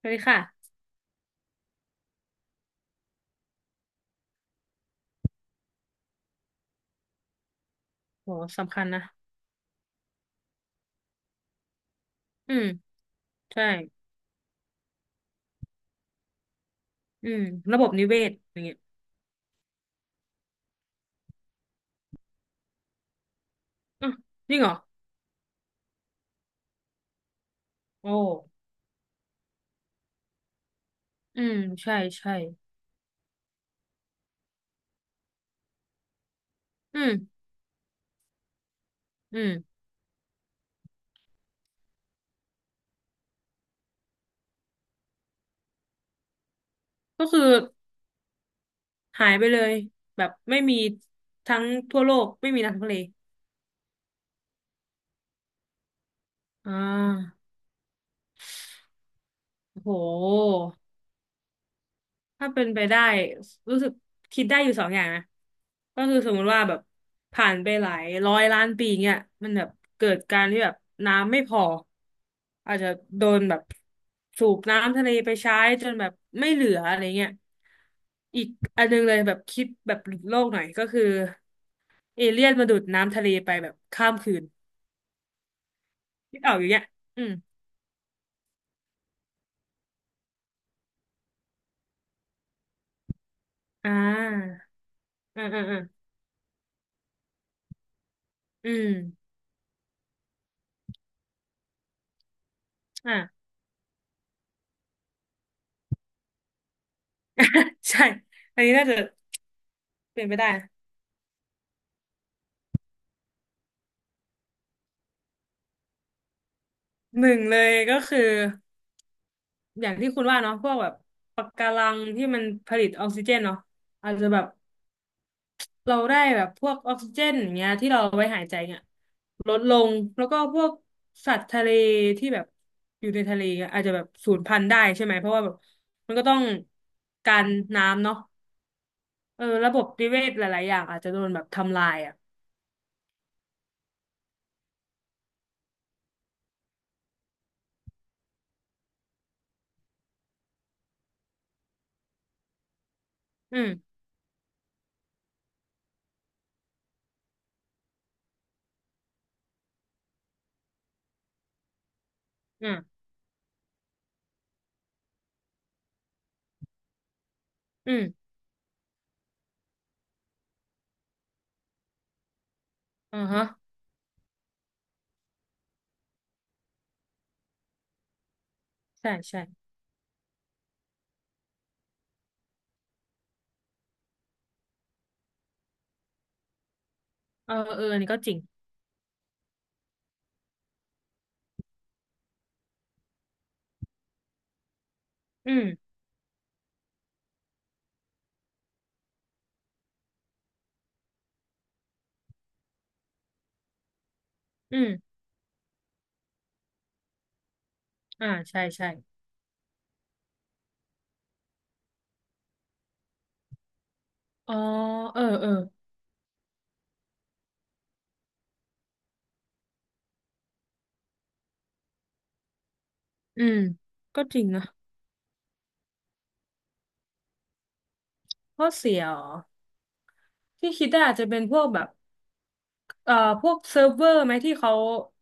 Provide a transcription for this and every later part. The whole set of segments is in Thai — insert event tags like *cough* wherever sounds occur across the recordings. สวัสดีค่ะโหสำคัญนะ อืม ใช่ อืม ระบบนิเวศอย่างเงี้ยอ่ะจริงเหรอโอ้อืม ใช่ ใช่ อืม อืมก็คือ หายไปเลย แบบไม่มีทั้งทั่วโลก ไม่มีทั้งทะเลอ่าโอ้โห ถ้าเป็นไปได้รู้สึกคิดได้อยู่สองอย่างนะก็คือสมมติว่าแบบผ่านไปหลายร้อยล้านปีเงี้ยมันแบบเกิดการที่แบบน้ำไม่พออาจจะโดนแบบสูบน้ำทะเลไปใช้จนแบบไม่เหลืออะไรเงี้ยอีกอันนึงเลยแบบคิดแบบหลุดโลกหน่อยก็คือเอเลี่ยนมาดูดน้ำทะเลไปแบบข้ามคืนคิดออกอยู่เนี้ยอืมอ่าอืมอืมอืมอืมอ่า *laughs* ใช่อันนี้น่าจะเป็นไปได้ หนึ่งเลยก็คืออย่างที่คุณว่าเนาะพวกแบบปะการังที่มันผลิตออกซิเจนเนาะอาจจะแบบเราได้แบบพวกออกซิเจนอย่างเงี้ยที่เราเอาไว้หายใจเนี่ยลดลงแล้วก็พวกสัตว์ทะเลที่แบบอยู่ในทะเลอะอาจจะแบบสูญพันธุ์ได้ใช่ไหมเพราะว่าแบบมันก็ต้องการน้ำเนาะเออระบบนิเวศหลายๆอย่างอาจจะโดนแบบทำลายอ่ะอืมอืมอืมอ่าฮะใช่ใช่เออเอออันนี้ก็จริงอืมอืมอ่าใช่ใช่ อ๋อเออเอออืมก็จริงนะข้อเสียเหรอที่คิดได้อาจจะเป็นพวกแบบ เอ่อพวกเซิร์ฟเวอร์ไหมที่เขา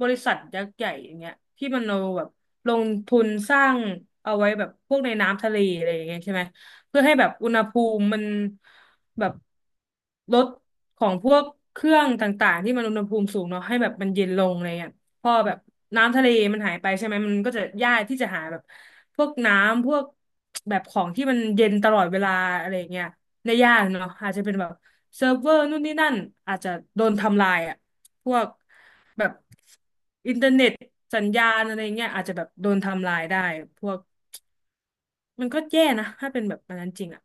บริษัทยักษ์ใหญ่อย่างเงี้ยที่มันเอาแบบลงทุนสร้างเอาไว้แบบพวกในน้ำทะเลอะไรอย่างเงี้ยใช่ไหมเพื่อให้แบบอุณหภูมิมันแบบลดของพวกเครื่องต่างๆที่มันอุณหภูมิสูงเนาะให้แบบมันเย็นลงอะไรเงี้ยพอแบบน้ำทะเลมันหายไปใช่ไหมมันก็จะยากที่จะหาแบบพวกน้ำพวกแบบของที่มันเย็นตลอดเวลาอะไรเงี้ยได้ยากเนาะอาจจะเป็นแบบ เซิร์ฟเวอร์นู่นนี่นั่นอาจจะโดนทำลายอ่ะพวกแบบอินเทอร์เน็ตสัญญาณอะไรเงี้ยอาจจะแบบโดนทำลายได้พวกมันก็แย่นะถ้าเป็นแบบอันนั้นจริงอ่ะ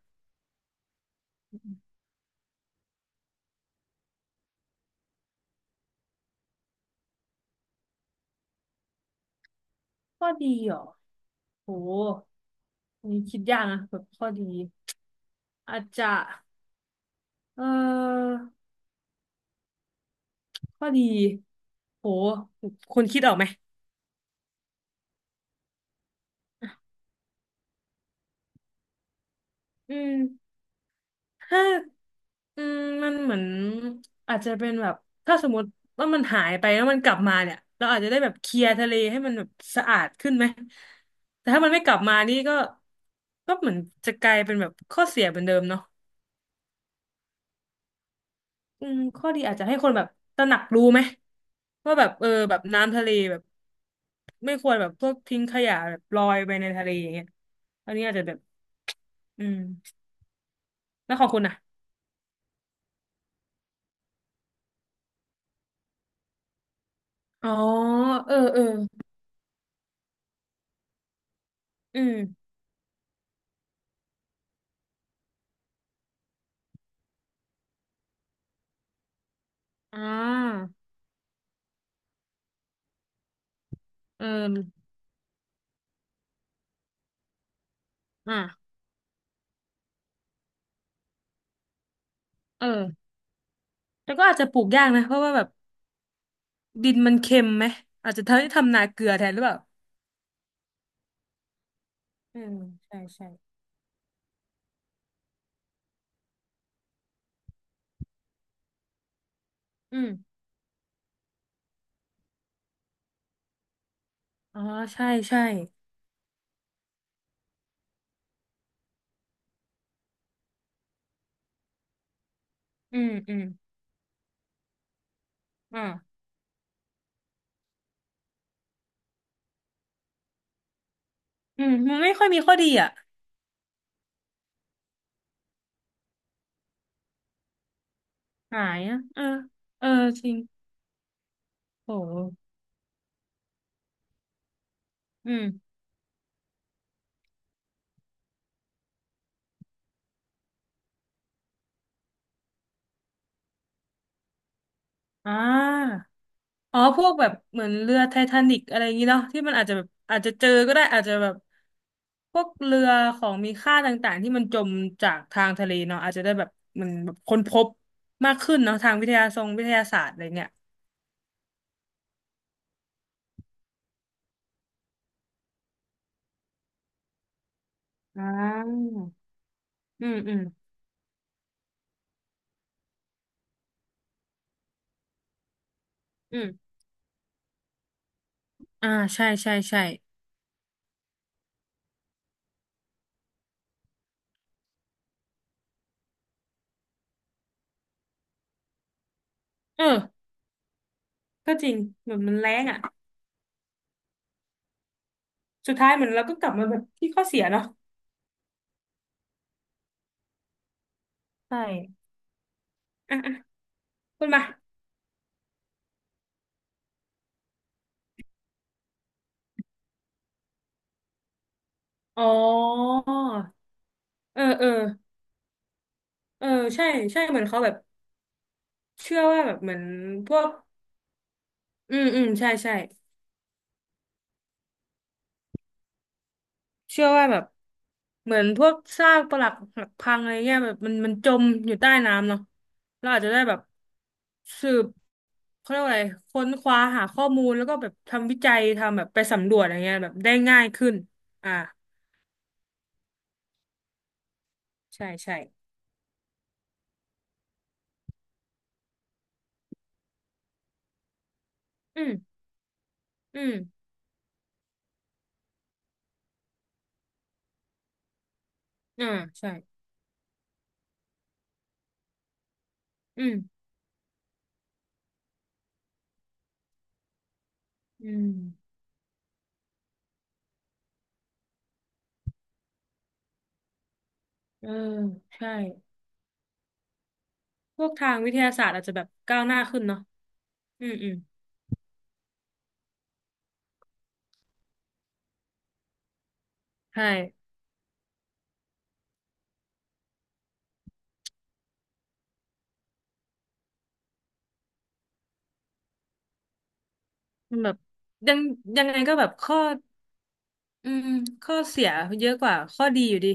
ข้อดีเหรอโหอันนี่คิดยากนะแบบข้อดีอาจจะเออข้อดีโหคนคิดออกไหมอืม ถ้าอืมมันเหมือนอาจจะเป็นแบบถ้าสมมติว่ามันหายไปแล้วมันกลับมาเนี่ยเราอาจจะได้แบบเคลียร์ทะเลให้มันแบบสะอาดขึ้นไหมแต่ถ้ามันไม่กลับมานี่ก็ก็เหมือนจะกลายเป็นแบบข้อเสียเหมือนเดิมเนาะอืมข้อดีอาจจะให้คนแบบตระหนักรู้ไหมว่าแบบเออแบบน้ำทะเลแบบไม่ควรแบบพวกทิ้งขยะแบบลอยไปในทะเลอย่างเงี้ยอันนี้อาจจะแบบอืมแล้วของคุณอ่ะอ๋อเออเอออืมอ่า เออ อ่ะเออแล้วก็อาจจะปลูกยากนะ เพราะว่าแบบดินมันเค็มไหม อาจจะทำให้ทำนาเกลือแทนหรือเปล่าอืม ใช่ใช่อืม อ๋อ ใช่ใช่อืม อืมอ่าอืมมันไม่ค่อยมีข้อดีอ่ะหายอ่ะเออเออ จริงโหอืมอ่า อ๋อพวกแบบเหมือนเรือไททานิกอะไรอย่างนี้เนาะที่มันอาจจะแบบอาจจะเจอก็ได้อาจจะแบบพวกเรือของมีค่าต่างๆที่มันจมจากทางทะเลเนาะอาจจะได้แบบมันแบบค้นพบมากขึ้นเนาะทางวิทยาทรงวิทยาศาสตร์อะไรเงี้ยอ่าอืมอืมอืมอ่าใช่ใช่ใช่เออก็จริงเหมือนมันแรงอ่ะสุดท้ายเหมือนเราก็กลับมาแบบที่ข้อเสียเนาะใช่อ่ะอ่ะคุณมาอ๋อเออเออเออใช่ใช่เหมือนเขาแบบ เชื่อว่าแบบเหมือนพวกอืมอืมใช่ใช่เชื่อว่าแบบเหมือนพวกซากปรักหักพังอะไรเงี้ยแบบมันจมอยู่ใต้น้ำเนาะเราอาจจะได้แบบสืบเขาเรียกว่าอะไรค้นคว้าหาข้อมูลแล้วก็แบบทำวิจัยทำแบบไปสำรวจอะไรเงี้ยแบบได้ง่ายขึ้นอ่าใช่ใช่อืมอืมอ่าใช่อืมอืมเออใช่พวกทางวิทยาศาสตร์อาจจะแบบก้าวหน้าขึ้นเนาะอืมอืมใช่ มันแบบยังยังไงก็แบบข้ออืมข้อเสียเยอะกว่าข้อดีอยู่ดี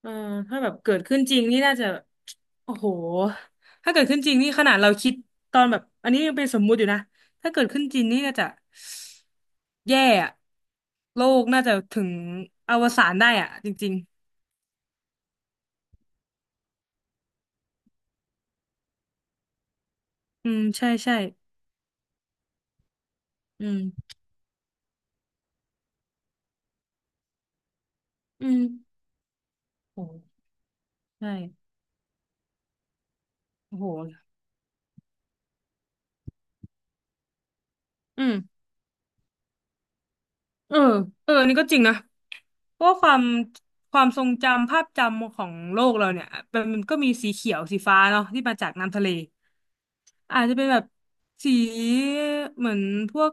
เออถ้าแบบเกิดขึ้นจริงนี่น่าจะโอ้โหถ้าเกิดขึ้นจริงนี่ขนาดเราคิดตอนแบบอันนี้ยังเป็นสมมุติอยู่นะถ้าเกิดขึ้นจริงนี่น่าจะแย่อะโลกน่าจะถึงอวสานได้อะจริงๆอืมใช่ใช่อืมอืมโอ้ใช่โอ้โหอืมเออเอออันนี้ก็จริงนะ เพราะว่าความความทรงจำภาพจำของโลกเราเนี่ยมันก็มีสีเขียวสีฟ้าเนาะที่มาจากน้ำทะเลอาจจะเป็นแบบสีเหมือนพวก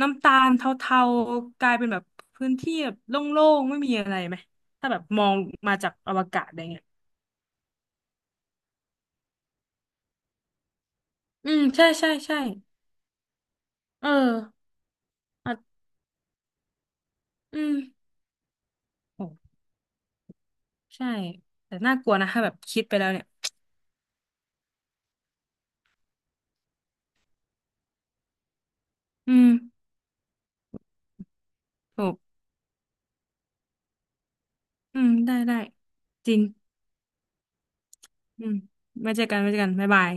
น้ำตาลเทาๆกลายเป็นแบบพื้นที่แบบโล่งๆไม่มีอะไรไหมถ้าแบบมองมาจากอวกาศอะไรเงี้ยอืมใช่ใช่ใช่เอออ่ะอืมโหใช่แต่น่ากลัวนะถ้าแบบคิดไปแล้วเนี่ยอืมถูกอืมได้ได้จริงอืมไว้เจอกันไว้เจอกันบ๊ายบาย